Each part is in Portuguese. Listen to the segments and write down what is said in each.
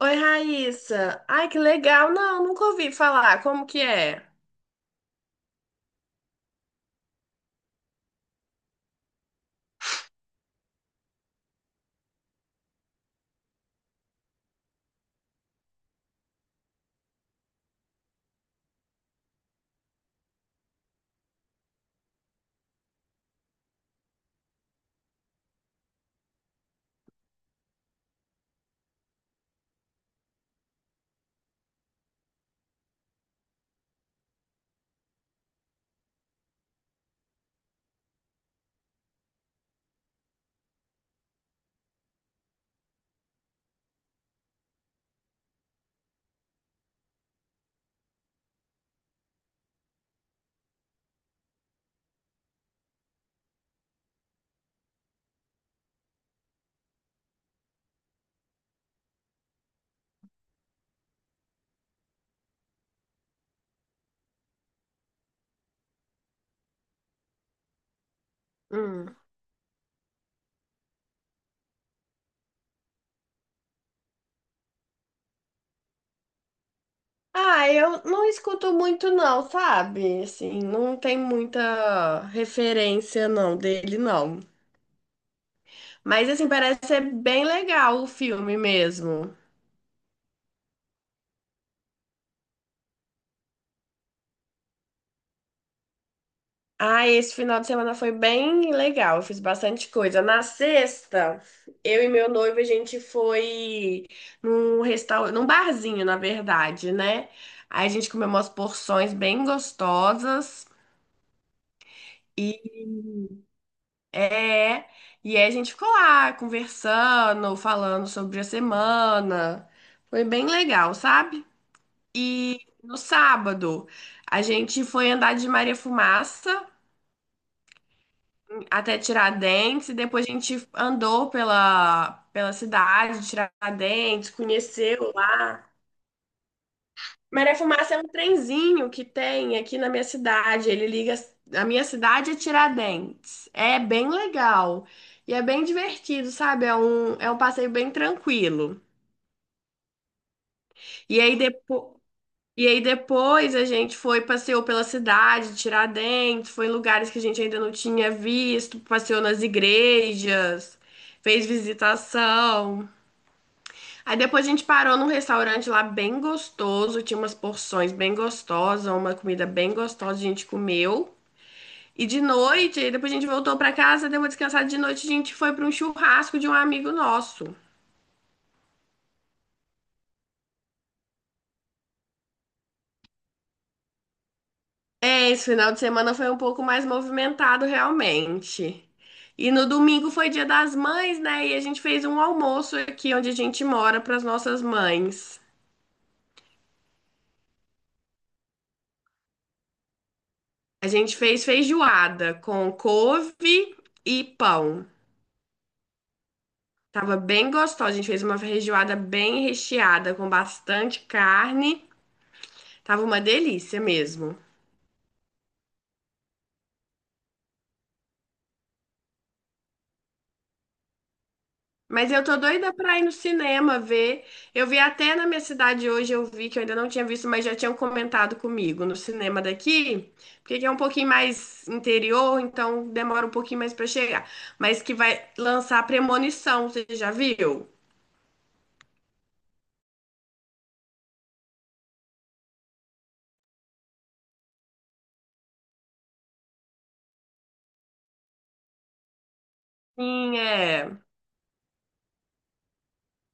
Oi, Raíssa. Ai, que legal. Não, nunca ouvi falar. Como que é? Hum. Ah, eu não escuto muito não, sabe? Assim, não tem muita referência não dele não. Mas assim, parece ser bem legal o filme mesmo. Ah, esse final de semana foi bem legal, eu fiz bastante coisa. Na sexta, eu e meu noivo, a gente foi num restaurante, num barzinho, na verdade, né? Aí a gente comeu umas porções bem gostosas e é, e aí a gente ficou lá conversando, falando sobre a semana. Foi bem legal, sabe? E no sábado, a gente foi andar de Maria Fumaça até Tiradentes, e depois a gente andou pela cidade de Tiradentes, conheceu lá. Maré Fumaça é um trenzinho que tem aqui na minha cidade. Ele liga. A minha cidade é Tiradentes. É bem legal. E é bem divertido, sabe? É um passeio bem tranquilo. E aí depois. E aí depois a gente foi, passeou pela cidade, Tiradentes, foi em lugares que a gente ainda não tinha visto, passeou nas igrejas, fez visitação. Aí depois a gente parou num restaurante lá bem gostoso, tinha umas porções bem gostosas, uma comida bem gostosa, a gente comeu. E de noite, aí depois a gente voltou pra casa, deu uma descansada de noite, a gente foi pra um churrasco de um amigo nosso. É, esse final de semana foi um pouco mais movimentado realmente. E no domingo foi Dia das Mães, né? E a gente fez um almoço aqui onde a gente mora para as nossas mães. A gente fez feijoada com couve e pão. Tava bem gostosa. A gente fez uma feijoada bem recheada com bastante carne. Tava uma delícia mesmo. Mas eu tô doida pra ir no cinema ver. Eu vi até na minha cidade hoje, eu vi que eu ainda não tinha visto, mas já tinham comentado comigo no cinema daqui, porque aqui é um pouquinho mais interior, então demora um pouquinho mais pra chegar. Mas que vai lançar Premonição, você já viu? Sim, é.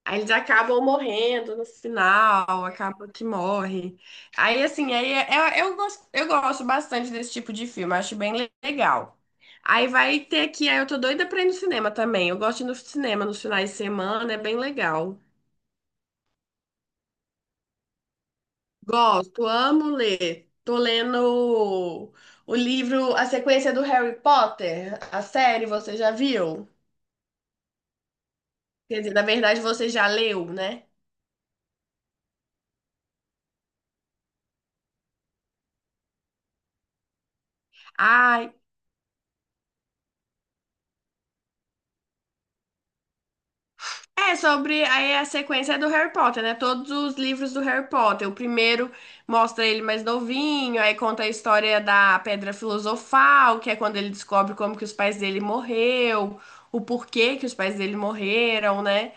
Aí eles acabam morrendo no final, acaba que morre. Aí, assim, aí é- é- eu gosto bastante desse tipo de filme, acho bem legal. Aí vai ter aqui, aí eu tô doida pra ir no cinema também. Eu gosto de ir no cinema nos finais de semana, é bem legal. Gosto, amo ler. Tô lendo o livro, a sequência do Harry Potter, a série, você já viu? Quer dizer, na verdade você já leu, né? Ah, é sobre, aí a sequência é do Harry Potter, né? Todos os livros do Harry Potter. O primeiro mostra ele mais novinho, aí conta a história da Pedra Filosofal, que é quando ele descobre como que os pais dele morreu, o porquê que os pais dele morreram, né?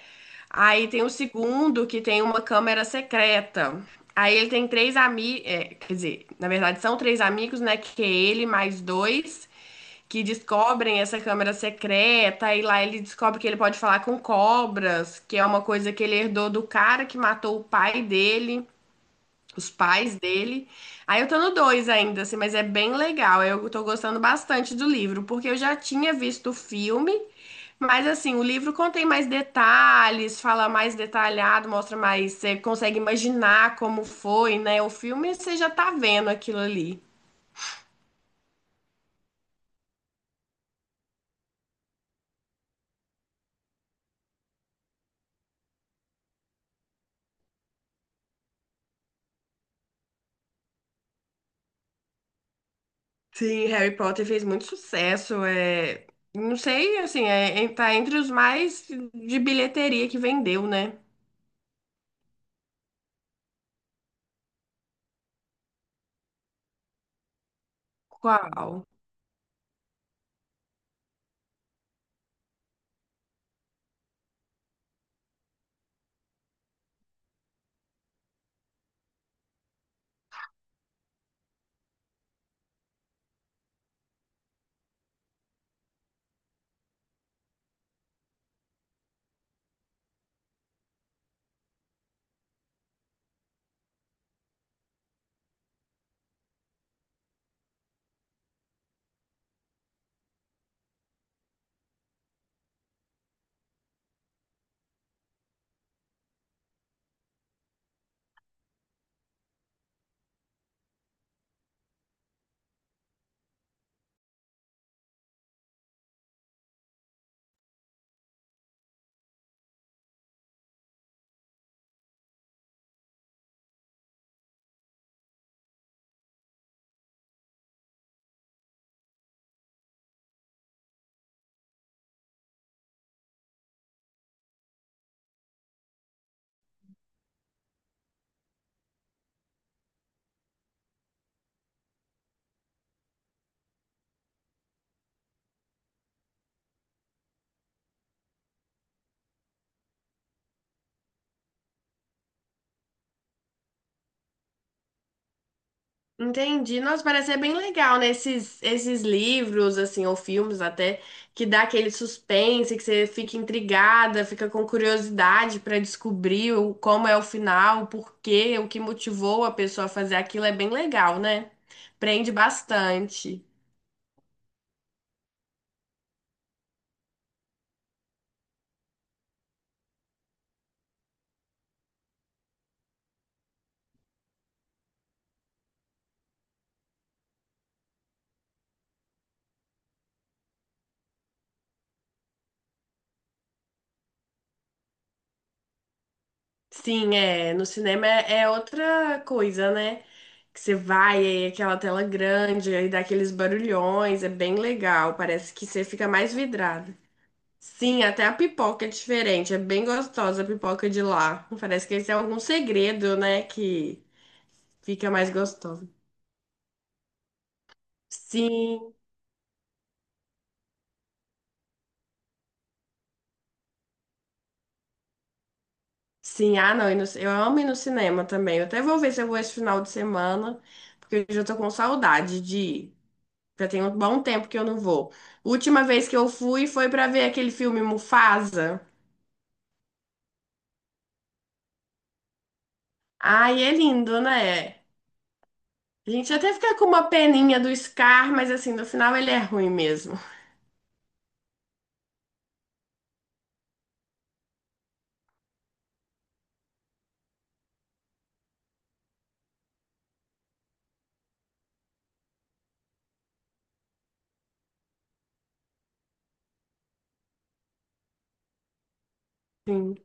Aí tem o segundo, que tem uma câmera secreta. Aí ele tem três amigos, quer dizer, na verdade são três amigos, né? Que é ele mais dois que descobrem essa câmera secreta e lá ele descobre que ele pode falar com cobras, que é uma coisa que ele herdou do cara que matou o pai dele, os pais dele. Aí eu tô no 2 ainda, assim, mas é bem legal. Eu tô gostando bastante do livro, porque eu já tinha visto o filme, mas assim, o livro contém mais detalhes, fala mais detalhado, mostra mais, você consegue imaginar como foi, né? O filme você já tá vendo aquilo ali. Sim, Harry Potter fez muito sucesso. Não sei, assim, tá entre os mais de bilheteria que vendeu, né? Qual? Entendi. Nossa, parece ser bem legal, né? Esses livros, assim, ou filmes até, que dá aquele suspense, que você fica intrigada, fica com curiosidade pra descobrir como é o final, o porquê, o que motivou a pessoa a fazer aquilo. É bem legal, né? Prende bastante. Sim, é. No cinema é outra coisa, né? Que você vai, aí aquela tela grande, aí dá aqueles barulhões, é bem legal. Parece que você fica mais vidrado. Sim, até a pipoca é diferente, é bem gostosa a pipoca de lá. Parece que esse é algum segredo, né? Que fica mais gostosa. Sim, sim, ah não, eu amo ir no cinema também. Eu até vou ver se eu vou esse final de semana, porque eu já tô com saudade de ir. Já tem um bom tempo que eu não vou. Última vez que eu fui foi pra ver aquele filme Mufasa. Ai, é lindo, né? A gente até fica com uma peninha do Scar, mas assim, no final ele é ruim mesmo. Sim.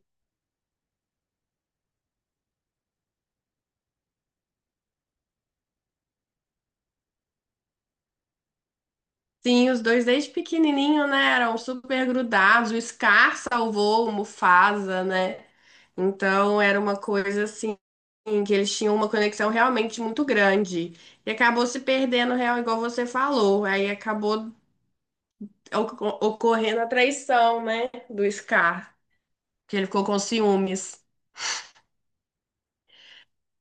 Sim, os dois desde pequenininho, né? Eram super grudados. O Scar salvou o Mufasa, né? Então era uma coisa assim, que eles tinham uma conexão realmente muito grande. E acabou se perdendo, real, igual você falou. Aí acabou ocorrendo a traição, né, do Scar, que ele ficou com ciúmes.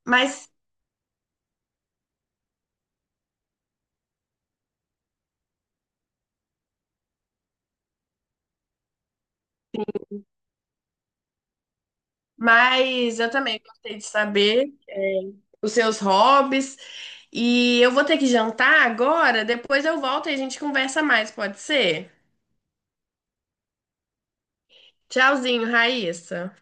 Mas, mas eu também gostei de saber os seus hobbies e eu vou ter que jantar agora, depois eu volto e a gente conversa mais, pode ser? Tchauzinho, Raíssa.